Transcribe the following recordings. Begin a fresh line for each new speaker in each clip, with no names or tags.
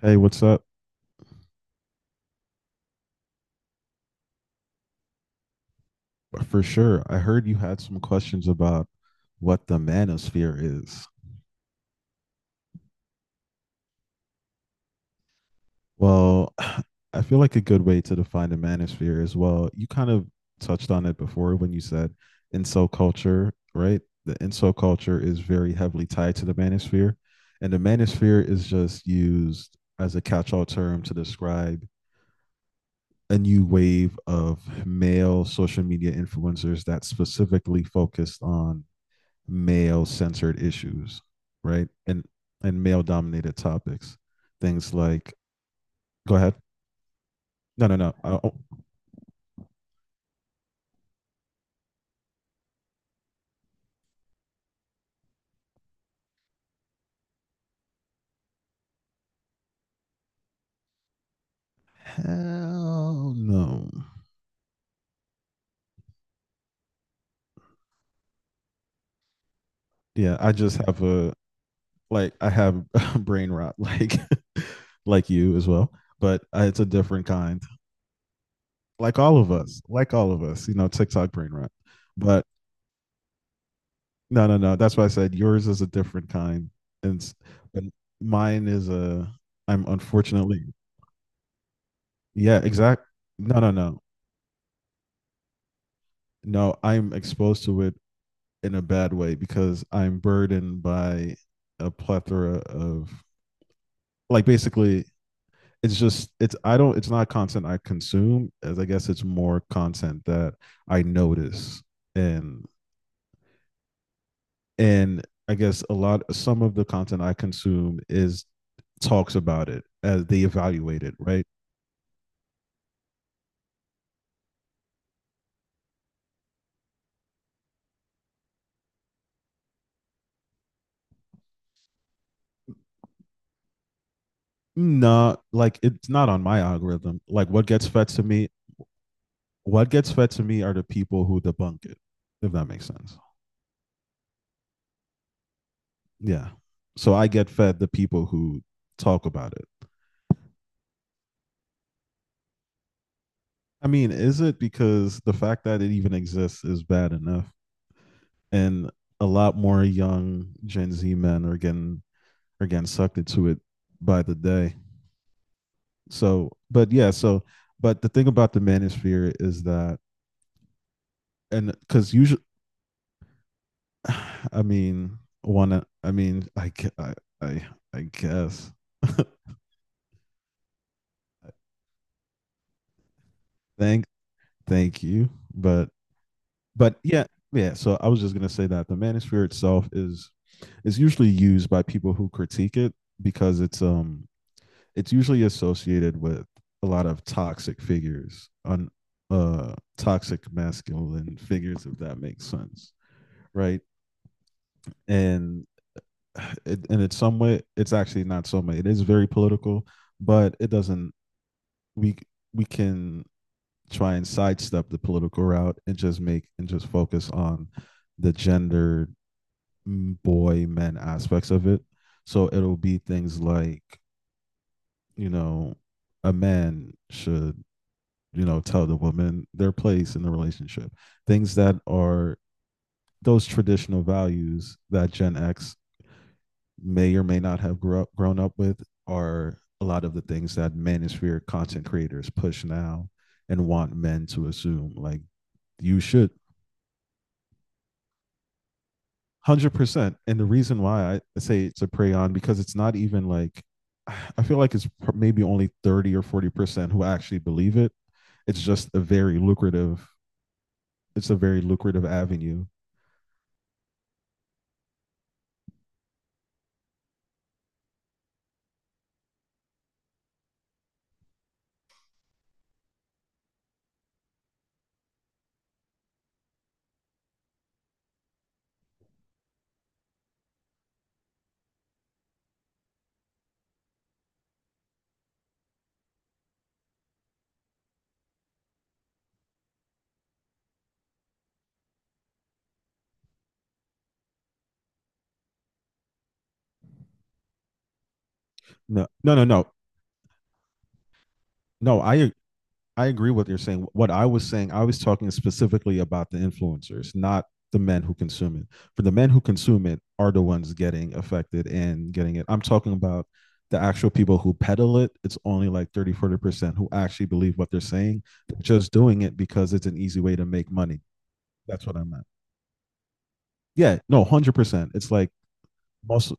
Hey, what's up? For sure. I heard you had some questions about what the manosphere is. Well, I feel like a good way to define the manosphere is You kind of touched on it before when you said inso culture, right? The inso culture is very heavily tied to the manosphere. And the manosphere is just used as a catch-all term to describe a new wave of male social media influencers that specifically focused on male censored issues, right? And male dominated topics. Things like go ahead. No, no, no. Oh, hell no. Yeah, I just have a, like I have brain rot like like you as well, but it's a different kind. Like all of us, TikTok brain rot. But no, no, no. That's why I said yours is a different kind, and and mine is a. I'm unfortunately, yeah, exact. No, no, no. No, I'm exposed to it in a bad way because I'm burdened by a plethora of like basically it's just it's I don't it's not content I consume as I guess it's more content that I notice and and I guess a lot some of the content I consume is talks about it as they evaluate it, right? No, like it's not on my algorithm. Like what gets fed to me, what gets fed to me are the people who debunk it, if that makes sense. Yeah. So I get fed the people who talk about it. I mean, is it because the fact that it even exists is bad enough, and a lot more young Gen Z men are getting sucked into it by the day. So, but yeah, so but the thing about the manosphere is that and cuz usually I mean, wanna, I mean, I I, I guess. thank thank you, but yeah, yeah. So I was just gonna say that the manosphere itself is usually used by people who critique it, because it's usually associated with a lot of toxic masculine figures, if that makes sense, right. And and it's some way it's actually not so much, it is very political, but it doesn't, we we can try and sidestep the political route, and just focus on the gender boy men aspects of it. So it'll be things like, you know, a man should, you know, tell the woman their place in the relationship. Things that are those traditional values that Gen X may or may not have grown up with are a lot of the things that manosphere content creators push now and want men to assume, like you should. 100%. And the reason why I say it's a prey on because it's not even like I feel like it's maybe only 30 or 40% who actually believe it. It's just a very lucrative. It's a very lucrative avenue. No, no, no, no, no. I agree with what you're saying. What I was saying, I was talking specifically about the influencers, not the men who consume it. For the men who consume it are the ones getting affected and getting it. I'm talking about the actual people who peddle it. It's only like 30, 40% who actually believe what they're saying. They're just doing it because it's an easy way to make money. That's what I meant. Yeah, no, 100%. It's like, most,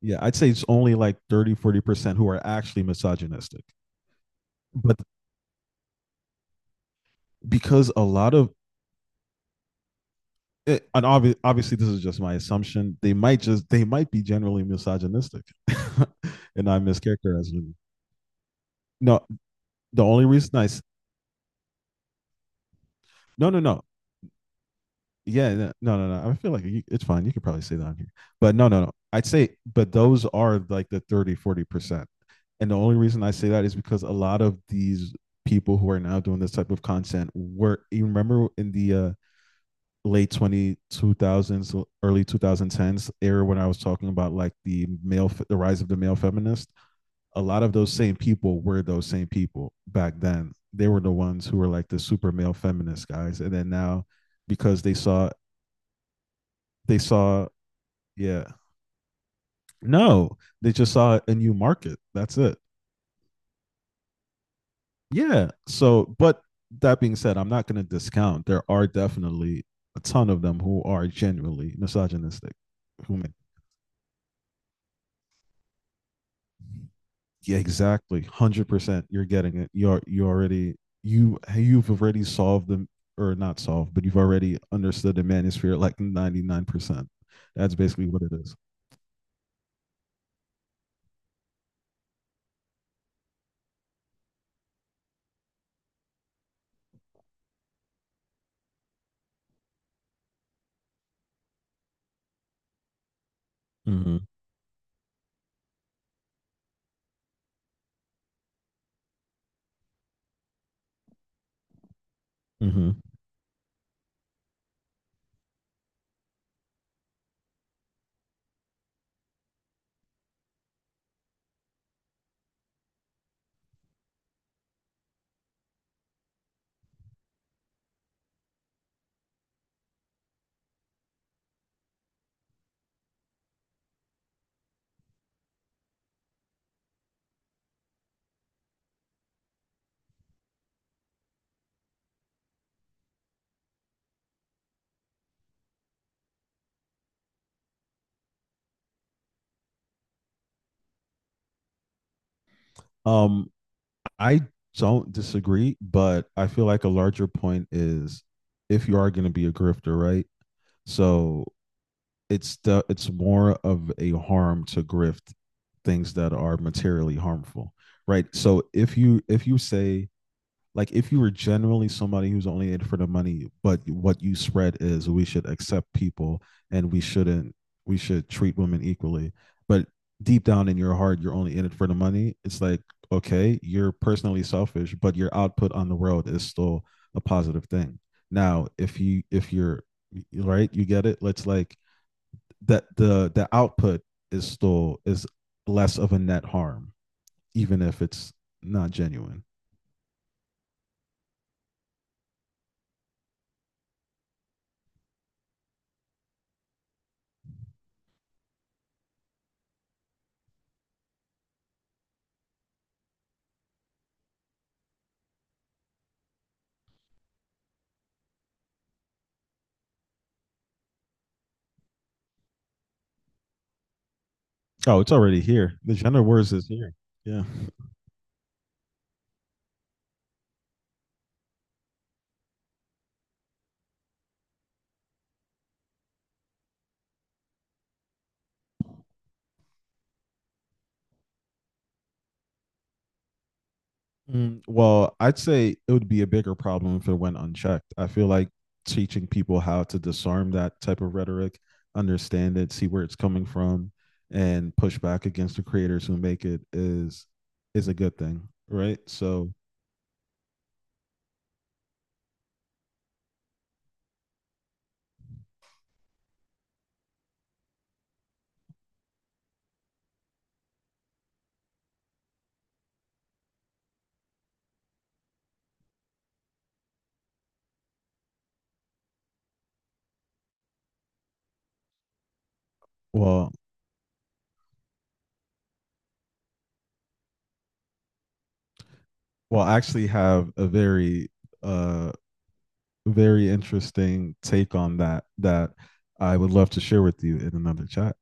yeah, I'd say it's only like 30, 40% who are actually misogynistic. But because a lot of it, and obviously, this is just my assumption. They might just, they might be generally misogynistic and I'm mischaracterizing. No, the only reason I. No, no, no. Yeah, no, no, no, no. I feel like you, it's fine, you could probably say that on here, but no, no, no, I'd say, but those are like the 30, 40%. And the only reason I say that is because a lot of these people who are now doing this type of content were, you remember, in the late 20 2000s, early 2010s era when I was talking about like the male the rise of the male feminist. A lot of those same people were, those same people back then, they were the ones who were like the super male feminist guys, and then now because they saw, yeah, no, they just saw a new market, that's it. Yeah, so but that being said, I'm not going to discount, there are definitely a ton of them who are genuinely misogynistic who make. Yeah, exactly. 100%. You're getting it. You've already solved them, or not solved, but you've already understood the manosphere like 99%. That's basically what it is. Mm-hmm. Mm-hmm. Um, I don't disagree, but I feel like a larger point is, if you are going to be a grifter, right? So it's more of a harm to grift things that are materially harmful, right? So if you say, like, if you were generally somebody who's only in it for the money, but what you spread is we should accept people, and we shouldn't, we should treat women equally, but deep down in your heart you're only in it for the money, it's like, okay, you're personally selfish, but your output on the world is still a positive thing. Now if you're right, you get it, let's like, that the output is still is less of a net harm, even if it's not genuine. Oh, it's already here. The gender wars is here. Yeah. Well, I'd say it would be a bigger problem if it went unchecked. I feel like teaching people how to disarm that type of rhetoric, understand it, see where it's coming from, and push back against the creators who make it is a good thing, right? So, well, I actually have a uh very interesting take on that that I would love to share with you in another chat.